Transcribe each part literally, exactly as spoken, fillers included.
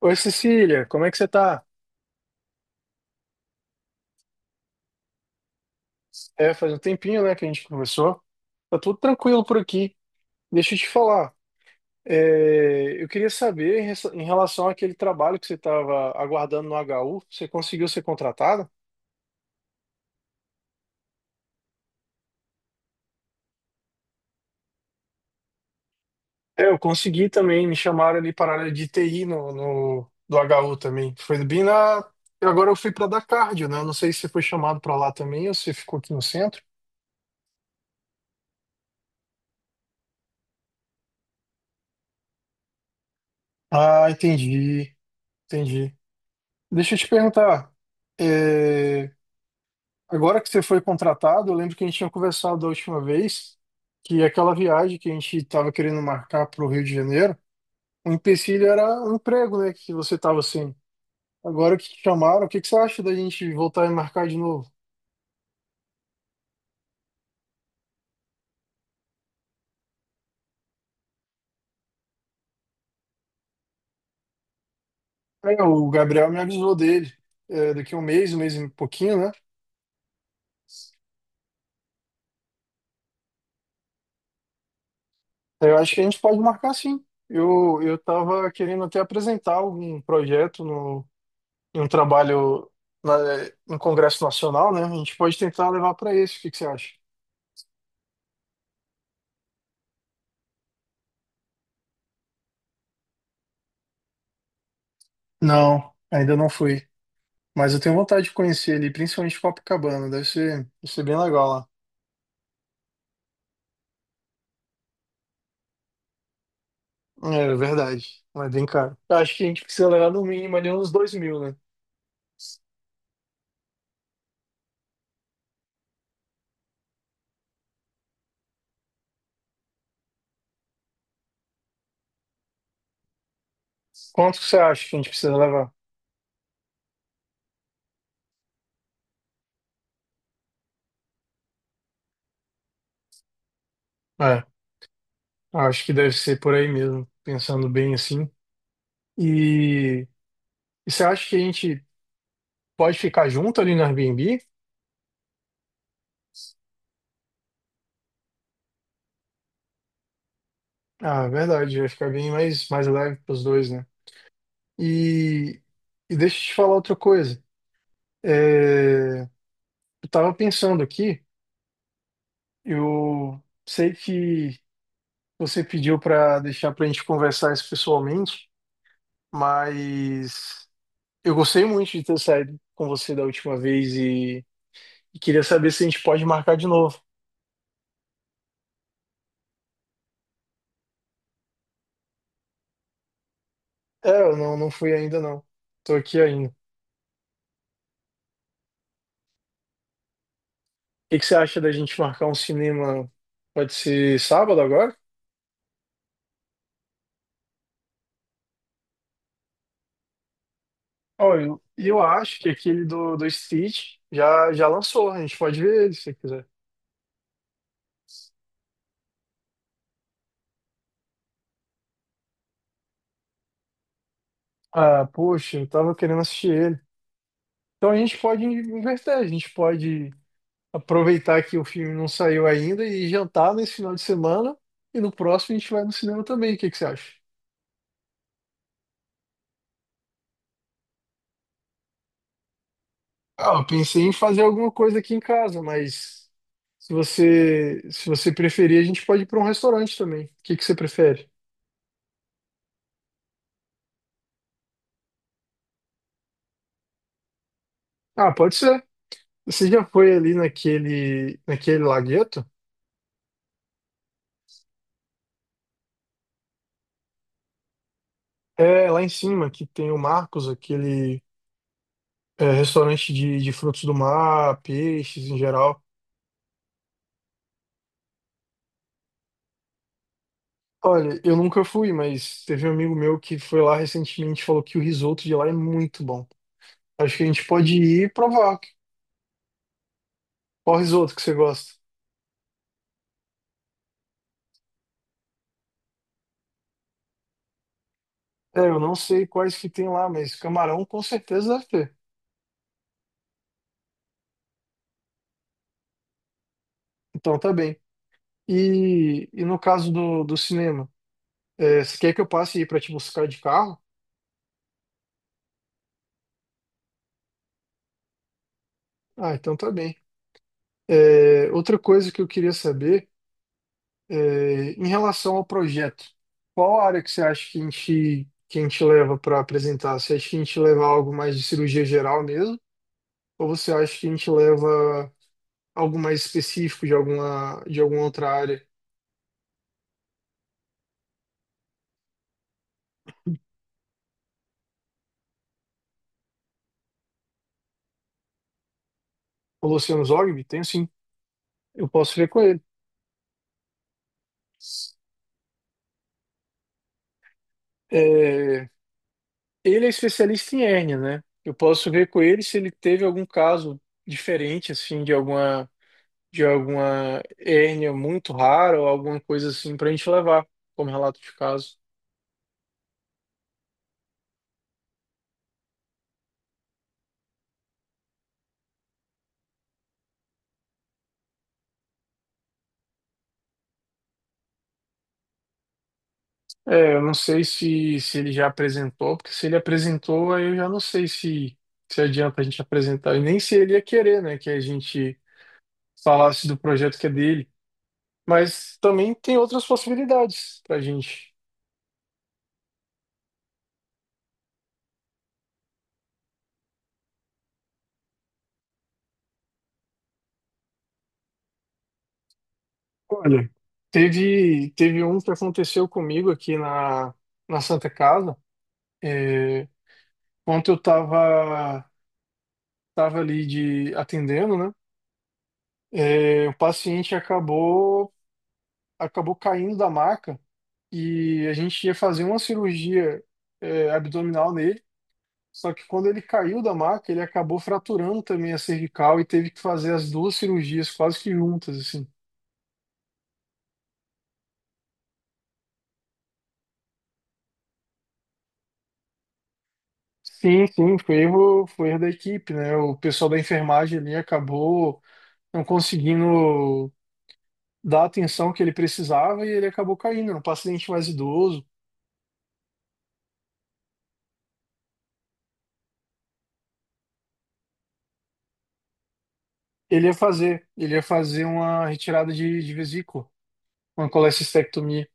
Oi, Cecília, como é que você tá? É, faz um tempinho, né, que a gente conversou. Tá tudo tranquilo por aqui. Deixa eu te falar. É, eu queria saber em res- em relação àquele trabalho que você estava aguardando no H U, você conseguiu ser contratada? É, eu consegui também, me chamaram ali para a área de T I no, no- do H U também. Foi bem na. Eu Agora eu fui para dar cardio, né? Eu não sei se você foi chamado para lá também ou se ficou aqui no centro. Ah, entendi, entendi. Deixa eu te perguntar. é, Agora que você foi contratado, eu lembro que a gente tinha conversado da última vez que aquela viagem que a gente estava querendo marcar para o Rio de Janeiro, o empecilho era o emprego, né? Que você estava assim. Agora que te chamaram, o que que você acha da gente voltar e marcar de novo? É, o Gabriel me avisou dele, é, daqui a um mês, um mês e pouquinho, né? É, eu acho que a gente pode marcar sim. Eu eu estava querendo até apresentar algum projeto no em um trabalho na, no Congresso Nacional, né? A gente pode tentar levar para esse. O que que você acha? Não, ainda não fui. Mas eu tenho vontade de conhecer ali, principalmente Copacabana. Deve ser, deve ser bem legal lá. É verdade, mas bem caro. Eu acho que a gente precisa levar no mínimo ali uns dois mil, né? Quanto que você acha que a gente precisa levar? É, acho que deve ser por aí mesmo, pensando bem assim. E, e você acha que a gente pode ficar junto ali no Airbnb? Ah, verdade, vai ficar bem mais, mais leve para os dois, né? E, e deixa eu te falar outra coisa. É, eu tava pensando aqui. Eu sei que você pediu para deixar para a gente conversar isso pessoalmente, mas eu gostei muito de ter saído com você da última vez e, e queria saber se a gente pode marcar de novo. É, eu não, não fui ainda não. Tô aqui ainda. O que que você acha da gente marcar um cinema? Pode ser sábado agora? Olha, eu, eu acho que aquele do, do Stitch já, já lançou. A gente pode ver ele se você quiser. Ah, poxa, eu tava querendo assistir ele. Então a gente pode inverter, a gente pode aproveitar que o filme não saiu ainda e jantar nesse final de semana. E no próximo a gente vai no cinema também. O que que você acha? Ah, eu pensei em fazer alguma coisa aqui em casa, mas se você, se você preferir, a gente pode ir para um restaurante também. O que que você prefere? Ah, pode ser. Você já foi ali naquele, naquele lagueto? É, lá em cima, que tem o Marcos, aquele é restaurante de, de frutos do mar, peixes em geral. Olha, eu nunca fui, mas teve um amigo meu que foi lá recentemente e falou que o risoto de lá é muito bom. Acho que a gente pode ir e provar qual risoto que você gosta. É, eu não sei quais que tem lá, mas camarão com certeza deve ter. Então tá bem. E, e no caso do, do cinema, é, você quer que eu passe aí pra te buscar de carro? Ah, então tá bem. É, outra coisa que eu queria saber. É, em relação ao projeto, qual área que você acha que a gente, que a gente leva para apresentar? Você acha que a gente leva algo mais de cirurgia geral mesmo? Ou você acha que a gente leva algo mais específico de alguma, de alguma outra área? O Luciano Zogby? Tenho sim, eu posso ver com ele. É, ele é especialista em hérnia, né? Eu posso ver com ele se ele teve algum caso diferente, assim, de alguma, de alguma hérnia muito rara ou alguma coisa assim para a gente levar como relato de caso. Eu não sei se, se ele já apresentou, porque se ele apresentou, aí eu já não sei se, se adianta a gente apresentar, e nem se ele ia querer, né, que a gente falasse do projeto que é dele. Mas também tem outras possibilidades para a gente. Olha, teve, teve um que aconteceu comigo aqui na, na Santa Casa. É, ontem eu estava tava tava ali de atendendo, né? É, o paciente acabou, acabou caindo da maca. E a gente ia fazer uma cirurgia é, abdominal nele. Só que quando ele caiu da maca, ele acabou fraturando também a cervical e teve que fazer as duas cirurgias quase que juntas, assim. Sim, sim, foi erro, foi erro da equipe, né? O pessoal da enfermagem ali acabou não conseguindo dar a atenção que ele precisava e ele acabou caindo. Era um paciente mais idoso. Ele ia fazer, ele ia fazer uma retirada de, de vesícula, uma colecistectomia.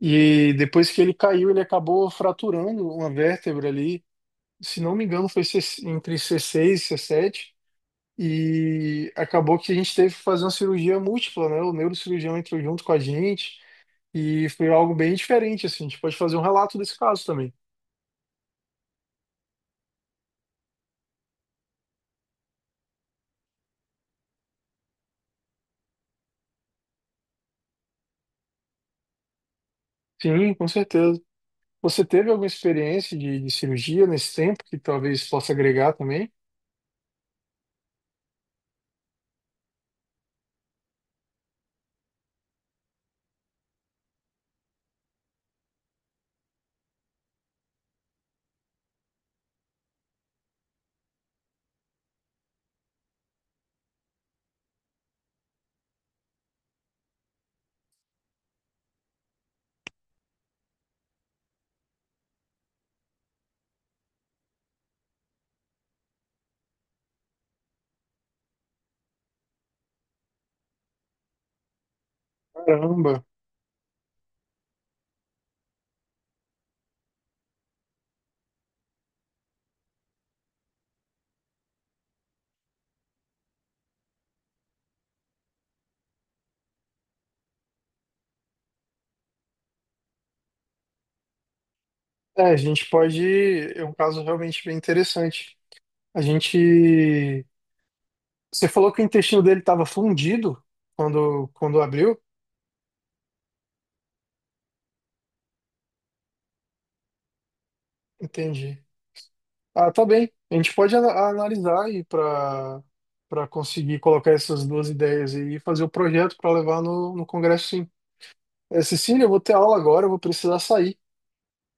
E depois que ele caiu, ele acabou fraturando uma vértebra ali. Se não me engano, foi C- entre cê seis e cê sete. E acabou que a gente teve que fazer uma cirurgia múltipla, né? O neurocirurgião entrou junto com a gente. E foi algo bem diferente, assim. A gente pode fazer um relato desse caso também. Sim, com certeza. Você teve alguma experiência de, de cirurgia nesse tempo que talvez possa agregar também? Caramba! É, a gente pode. É um caso realmente bem interessante. A gente Você falou que o intestino dele estava fundido quando, quando abriu? Entendi. Ah, tá bem. A gente pode ana- analisar aí para para conseguir colocar essas duas ideias aí e fazer o projeto para levar no, no congresso, sim. É, Cecília, eu vou ter aula agora, eu vou precisar sair.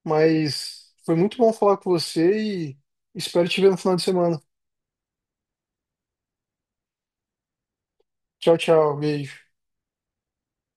Mas foi muito bom falar com você e espero te ver no final de semana. Tchau, tchau. Beijo.